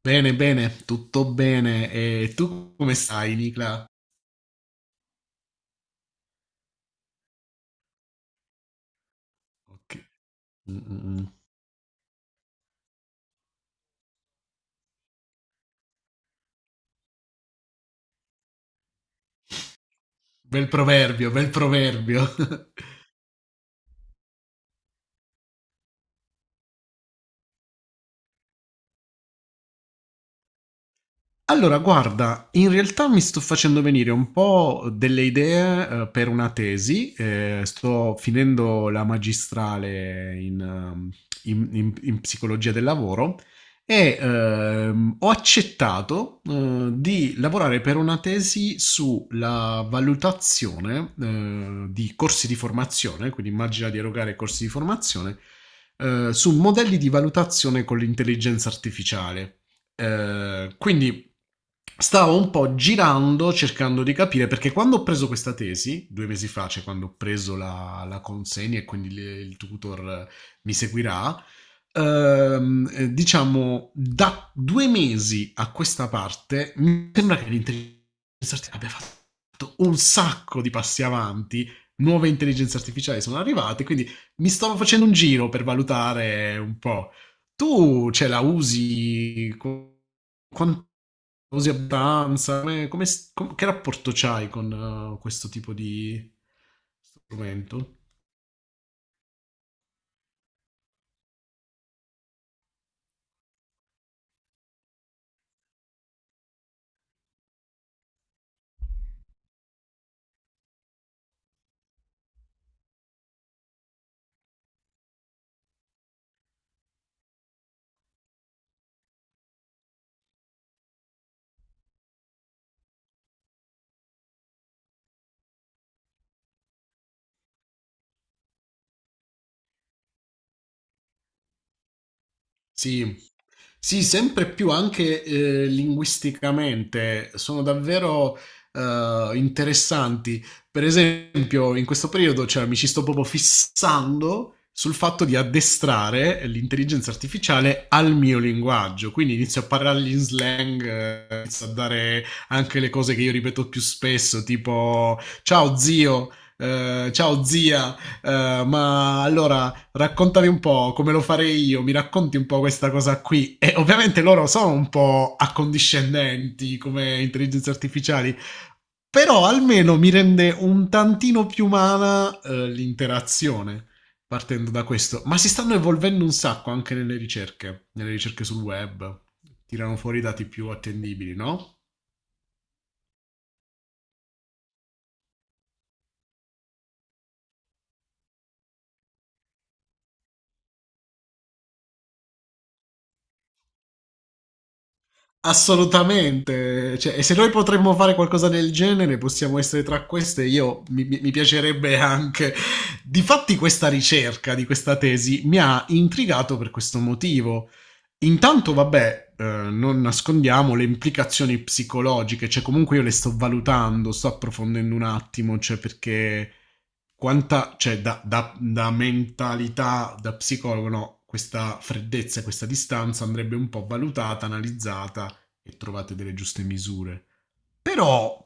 Bene, bene, tutto bene. E tu come stai, Nicla? Ok. Mm, mm, mm. Bel proverbio, bel proverbio. Allora, guarda, in realtà mi sto facendo venire un po' delle idee, per una tesi. Sto finendo la magistrale in psicologia del lavoro e ho accettato, di lavorare per una tesi sulla valutazione, di corsi di formazione, quindi immagina di erogare corsi di formazione, su modelli di valutazione con l'intelligenza artificiale. Quindi stavo un po' girando cercando di capire perché quando ho preso questa tesi, due mesi fa, cioè quando ho preso la consegna e quindi il tutor mi seguirà, diciamo da due mesi a questa parte mi sembra che l'intelligenza artificiale abbia fatto un sacco di passi avanti. Nuove intelligenze artificiali sono arrivate, quindi mi stavo facendo un giro per valutare un po'. Tu ce la usi co- Quanto usi abbastanza? Che rapporto c'hai con questo tipo di strumento? Sì, sì, sempre più anche linguisticamente sono davvero interessanti. Per esempio, in questo periodo cioè, mi ci sto proprio fissando sul fatto di addestrare l'intelligenza artificiale al mio linguaggio. Quindi inizio a parlargli in slang, inizio a dare anche le cose che io ripeto più spesso, tipo ciao zio, ciao zia, ma allora raccontami un po' come lo farei io, mi racconti un po' questa cosa qui. E ovviamente loro sono un po' accondiscendenti come intelligenze artificiali, però almeno mi rende un tantino più umana l'interazione partendo da questo. Ma si stanno evolvendo un sacco anche nelle ricerche sul web. Tirano fuori i dati più attendibili, no? Assolutamente, cioè, e se noi potremmo fare qualcosa del genere, possiamo essere tra queste. Io mi piacerebbe anche. Difatti, questa ricerca di questa tesi mi ha intrigato per questo motivo. Intanto, vabbè, non nascondiamo le implicazioni psicologiche, cioè comunque io le sto valutando, sto approfondendo un attimo, cioè perché quanta, cioè da mentalità, da psicologo, no, questa freddezza, e questa distanza andrebbe un po' valutata, analizzata e trovate delle giuste misure. Però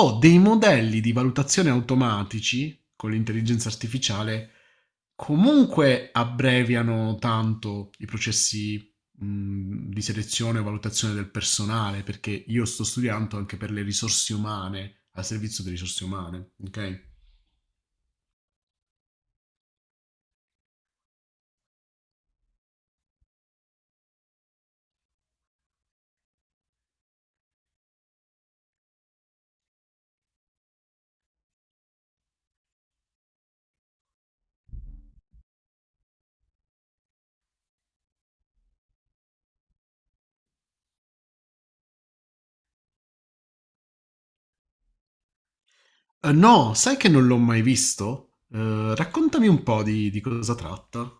ho dei modelli di valutazione automatici con l'intelligenza artificiale comunque abbreviano tanto i processi di selezione e valutazione del personale, perché io sto studiando anche per le risorse umane, al servizio delle risorse umane, ok? No, sai che non l'ho mai visto? Raccontami un po' di cosa tratta.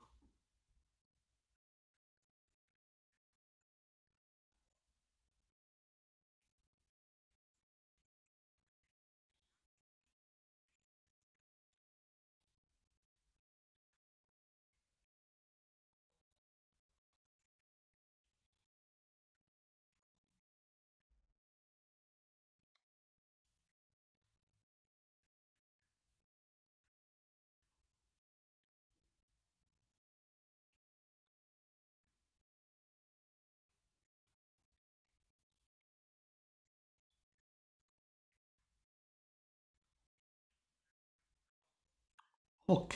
Ok.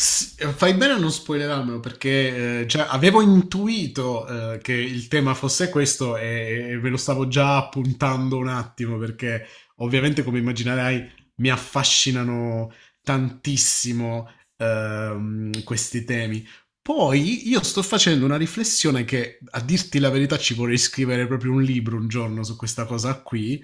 Fai bene a non spoilerarmelo perché già avevo intuito che il tema fosse questo e ve lo stavo già appuntando un attimo perché ovviamente come immaginerai mi affascinano tantissimo questi temi. Poi io sto facendo una riflessione che a dirti la verità ci vorrei scrivere proprio un libro un giorno su questa cosa qui,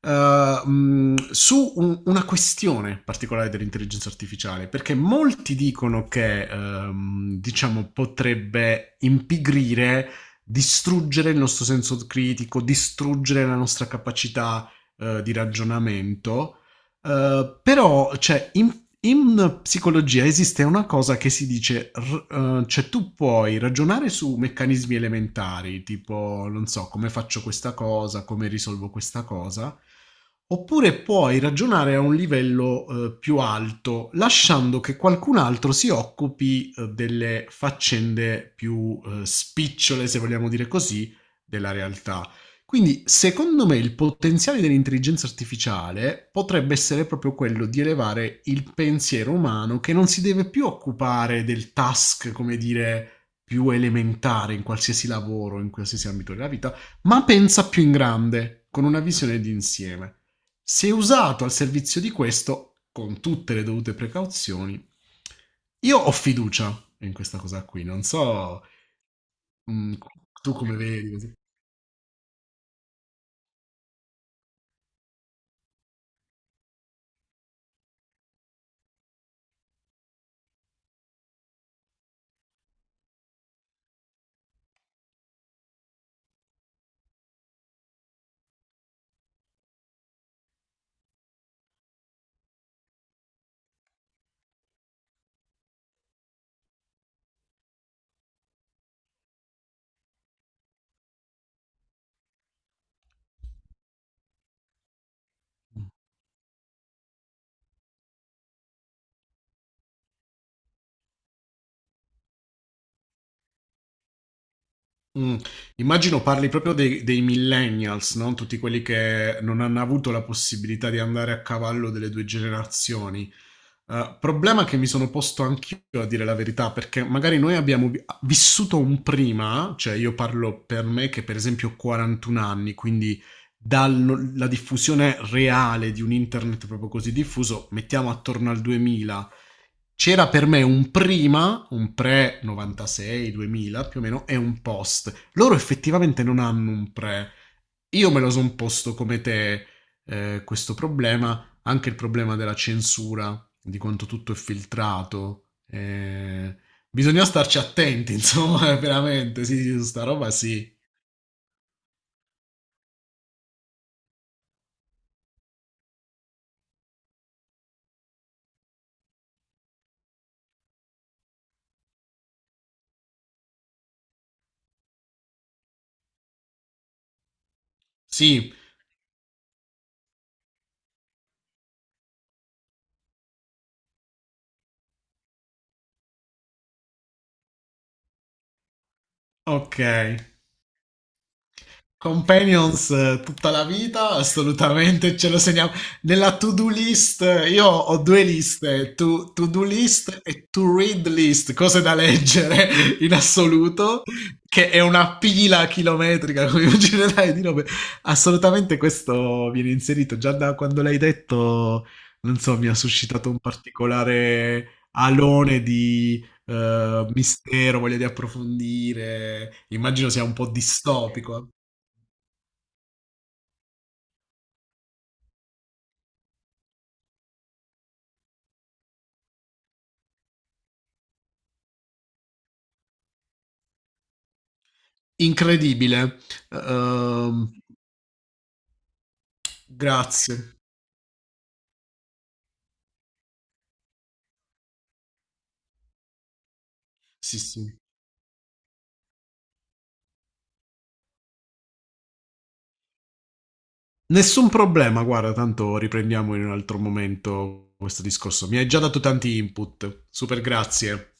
su una questione particolare dell'intelligenza artificiale, perché molti dicono che, diciamo, potrebbe impigrire, distruggere il nostro senso critico, distruggere la nostra capacità di ragionamento. Però, cioè, in psicologia esiste una cosa che si dice, cioè tu puoi ragionare su meccanismi elementari, tipo non so come faccio questa cosa, come risolvo questa cosa, oppure puoi ragionare a un livello più alto, lasciando che qualcun altro si occupi delle faccende più spicciole, se vogliamo dire così, della realtà. Quindi, secondo me, il potenziale dell'intelligenza artificiale potrebbe essere proprio quello di elevare il pensiero umano che non si deve più occupare del task, come dire, più elementare in qualsiasi lavoro, in qualsiasi ambito della vita, ma pensa più in grande, con una visione d'insieme. Se usato al servizio di questo, con tutte le dovute precauzioni, io ho fiducia in questa cosa qui. Non so, mm, tu come vedi. Mm. Immagino parli proprio dei, dei millennials, no? Tutti quelli che non hanno avuto la possibilità di andare a cavallo delle due generazioni. Problema che mi sono posto anch'io a dire la verità, perché magari noi abbiamo vissuto un prima, cioè io parlo per me che per esempio ho 41 anni, quindi dalla diffusione reale di un internet proprio così diffuso, mettiamo attorno al 2000 c'era per me un prima, un pre 96, 2000 più o meno, e un post. Loro effettivamente non hanno un pre. Io me lo sono posto come te, questo problema, anche il problema della censura, di quanto tutto è filtrato. Bisogna starci attenti, insomma, veramente, sì, sì, su sta roba sì. Sì, ok. Companions, tutta la vita, assolutamente ce lo segniamo. Nella to-do list, io ho due liste, to-do list e to-read list, cose da leggere in assoluto, che è una pila chilometrica, come immaginerai, di robe. Assolutamente questo viene inserito, già da quando l'hai detto, non so, mi ha suscitato un particolare alone di mistero, voglia di approfondire, immagino sia un po' distopico. Incredibile. Ehm, Grazie. Sì, sì. Nessun problema, guarda, tanto riprendiamo in un altro momento questo discorso. Mi hai già dato tanti input. Super grazie.